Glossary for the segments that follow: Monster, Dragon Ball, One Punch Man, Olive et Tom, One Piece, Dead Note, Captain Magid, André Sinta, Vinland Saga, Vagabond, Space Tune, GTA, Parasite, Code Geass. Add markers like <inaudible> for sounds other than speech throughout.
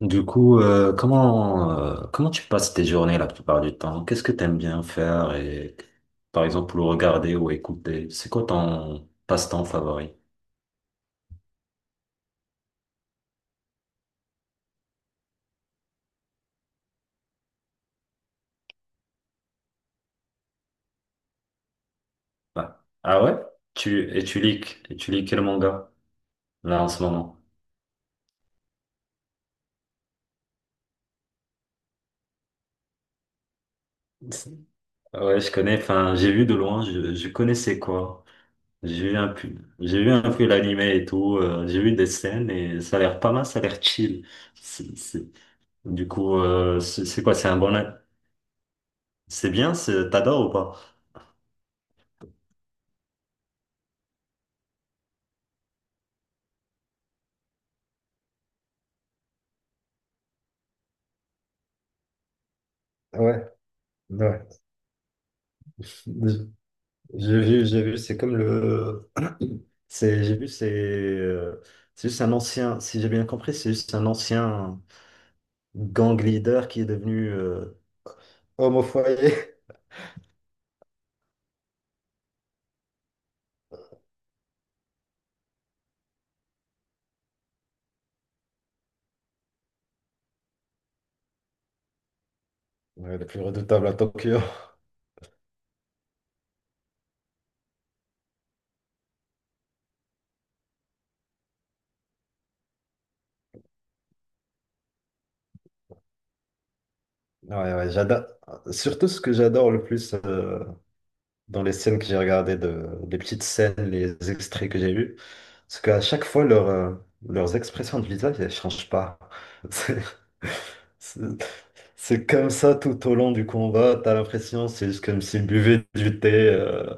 Du coup, comment, comment tu passes tes journées la plupart du temps? Qu'est-ce que tu aimes bien faire et, par exemple, le regarder ou écouter? C'est quoi ton passe-temps favori? Ah, ah ouais? Tu, et tu lis quel manga, là, en ce moment? C'est- Ouais, je connais, enfin, j'ai vu de loin, je connaissais quoi. J'ai vu un peu, j'ai vu un peu l'animé et tout, j'ai vu des scènes et ça a l'air pas mal, ça a l'air chill. C'est- c'est- Du coup, c'est quoi, c'est un bon, c'est bien, t'adores ou pas? Ouais, ouais. J'ai vu, c'est comme le. C'est, j'ai vu, c'est. C'est juste un ancien, si j'ai bien compris, c'est juste un ancien gang leader qui est devenu homme au foyer. <laughs> Ouais, le plus redoutable à Tokyo. Ouais, ouais, j'adore. Surtout ce que j'adore le plus dans les scènes que j'ai regardées, de les petites scènes, les extraits que j'ai vus, parce qu'à chaque fois, leurs expressions de visage, elles changent pas. <laughs> C'est c'est- c'est comme ça tout au long du combat. T'as l'impression, c'est juste comme s'ils buvaient du thé.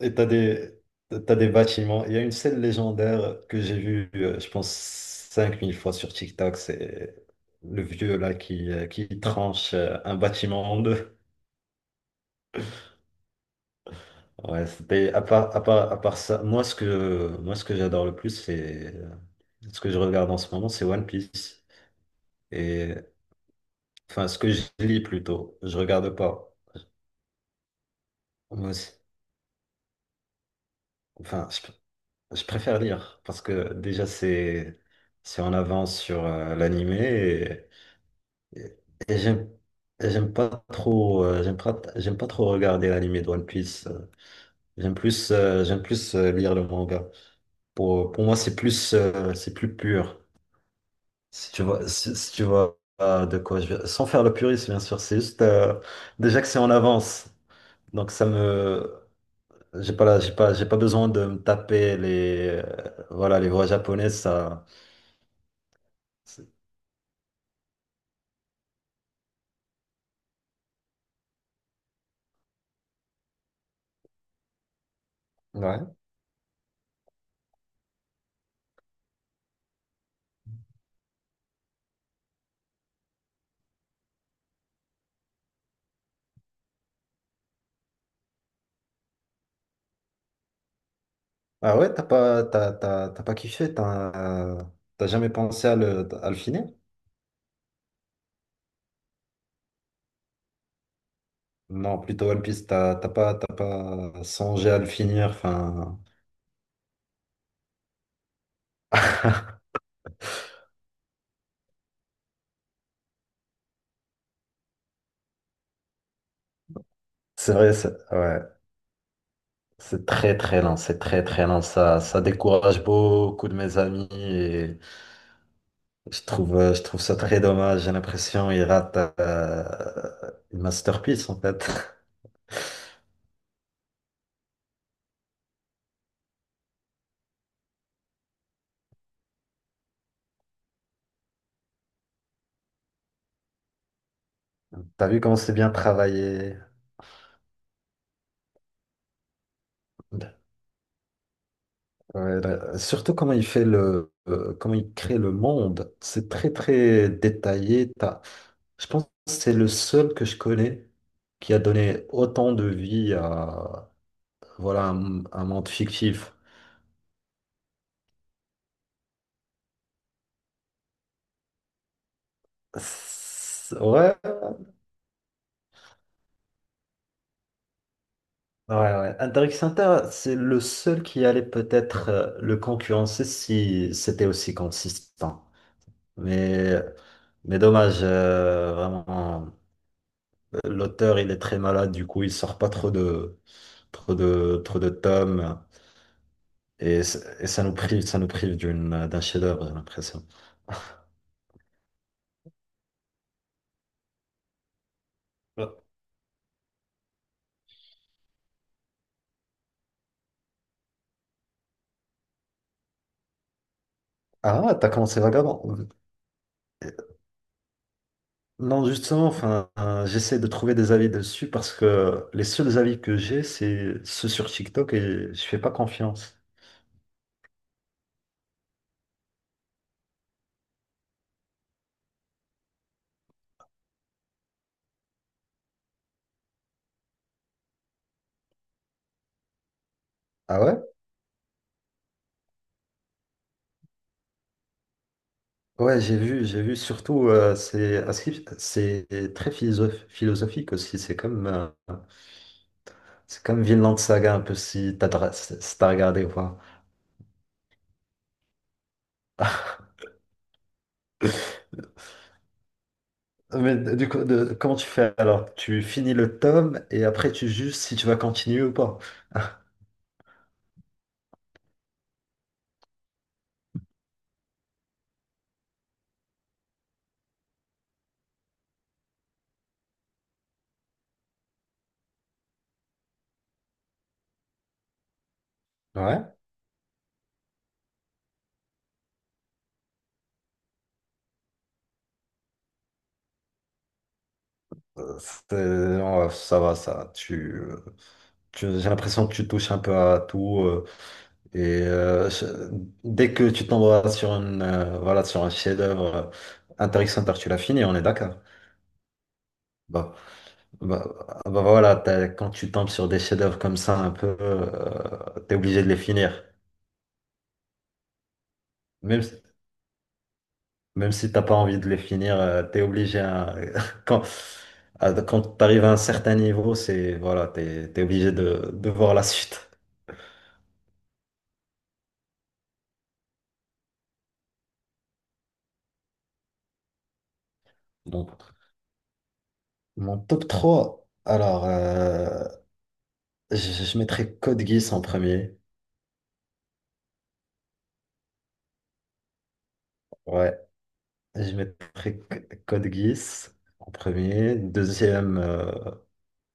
Et t'as des bâtiments. Il y a une scène légendaire que j'ai vue, je pense, 5000 fois sur TikTok. C'est le vieux là qui tranche un bâtiment en deux. Ouais, c'était à part, à part, à part ça, moi ce que j'adore le plus, c'est ce que je regarde en ce moment, c'est One Piece. Et enfin ce que je lis plutôt, je regarde pas. Moi, c'est- enfin je préfère lire parce que déjà c'est en avance sur l'animé et, et, et j'aime et j'aime pas trop j'aime pas trop regarder l'animé de One Piece. J'aime plus lire le manga. Pour moi c'est plus pur. Si tu vois, si tu vois de quoi je sans faire le puriste, bien sûr, c'est juste déjà que c'est en avance. Donc ça me. J'ai pas là, j'ai pas besoin de me taper les. Voilà, les voix japonaises, ça. c'est- Ouais. Ah ouais, t'as pas kiffé, t'as jamais pensé à à le finir? Non, plutôt One Piece, t'as pas songé à le finir, enfin. Ouais. C'est très très lent, c'est très très lent. Ça décourage beaucoup de mes amis et je trouve ça très dommage. J'ai l'impression ils ratent une masterpiece en fait. <laughs> T'as vu comment c'est bien travaillé? Ouais, là, surtout comment il fait comment il crée le monde. C'est très très détaillé. Je pense que c'est le seul que je connais qui a donné autant de vie à voilà un monde fictif. Ouais, ouais, ouais. André Sinta, c'est le seul qui allait peut-être le concurrencer si c'était aussi consistant. Mais, mais dommage, vraiment. L'auteur, il est très malade, du coup, il sort pas trop trop de tomes. Et, et ça nous prive d'un chef-d'œuvre, j'ai l'impression. <laughs> Ah, t'as commencé Vagabond. Non, justement, enfin, j'essaie de trouver des avis dessus parce que les seuls avis que j'ai, c'est ceux sur TikTok et je fais pas confiance. Ah ouais? Ouais, j'ai vu, j'ai vu. Surtout, c'est très philosophique aussi. C'est comme Vinland Saga un peu si t'as regardé ou pas. <laughs> Mais du coup, comment tu fais alors? Tu finis le tome et après tu juges si tu vas continuer ou pas. Ouais. Euh, ouais, ça va, ça. J'ai l'impression que tu touches un peu à tout et euh, je- dès que tu tombes voilà, sur voilà, sur un chef-d'œuvre intéressant, tu l'as fini, on est d'accord. Bah, bah, voilà, quand tu tombes sur des chefs-d'œuvre comme ça, un peu, t'es obligé de les finir. Même, si- Même si t'as pas envie de les finir, t'es obligé <laughs> quand, quand t'arrives à un certain niveau, c'est voilà, t'es obligé de voir la suite. Donc, mon top 3 alors. Je, je mettrais Code Geass en premier. Ouais, je mettrais Code Geass en premier. Deuxième,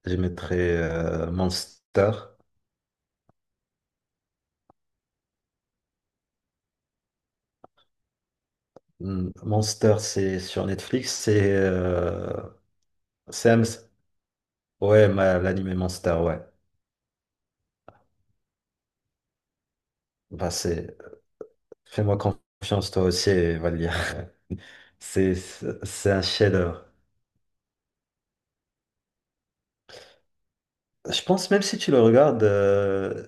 je mettrais Monster. Hmm, Monster, c'est sur Netflix. C'est Hams. Ouais, l'anime Monster, ouais. Bah, c'est Fais-moi confiance, toi aussi, et va le lire. <laughs> C'est c'est un chef. Je pense même si tu le regardes,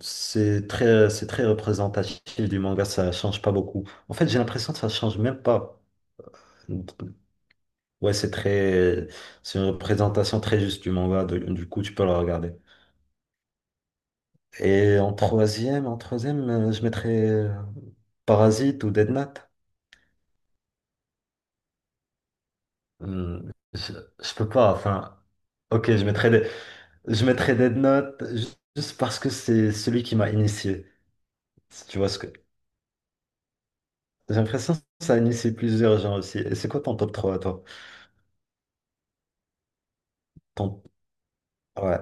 c'est très représentatif du manga, ça change pas beaucoup. En fait, j'ai l'impression que ça change même pas. Ouais, c'est très, c'est une représentation très juste du manga, du coup, tu peux le regarder. Et en troisième, je mettrais Parasite ou Dead Note. Hum, je, je peux pas, enfin, ok, je mettrais Dead Note juste parce que c'est celui qui m'a initié, si tu vois ce que, j'ai l'impression que ça a initié plusieurs gens aussi. Et c'est quoi ton top 3 à toi? Ton Ouais.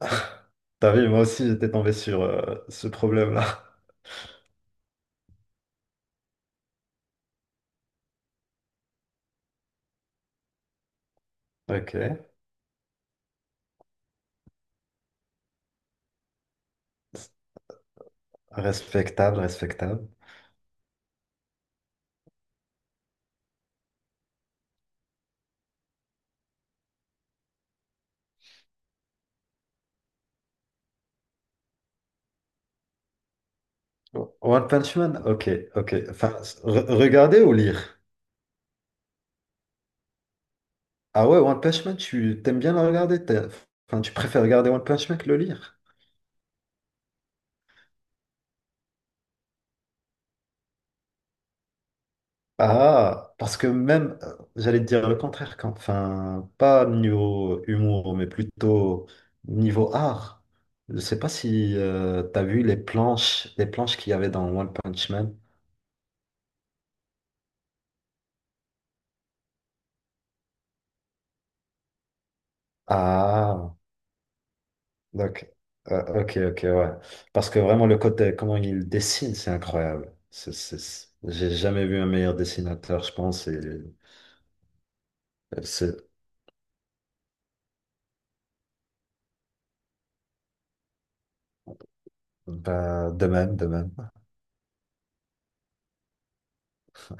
<laughs> T'as vu, moi aussi j'étais tombé sur ce problème-là. <laughs> Ok. Respectable, respectable. One Punch Man? Ok, ok. Enfin, regarder ou lire? Ah ouais, One Punch Man, tu t'aimes bien le regarder? Enfin, tu préfères regarder One Punch Man que le lire? Ah, parce que même, j'allais te dire le contraire, enfin, pas niveau humour, mais plutôt niveau art. Je sais pas si tu t'as vu les planches qu'il y avait dans One Punch Man. Ah, donc, ok, ok, ouais. Parce que vraiment, le côté, comment il dessine, c'est incroyable. J'ai jamais vu un meilleur dessinateur, je pense. Et c'est, Bah, de même, de même.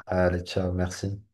Allez, ciao, merci.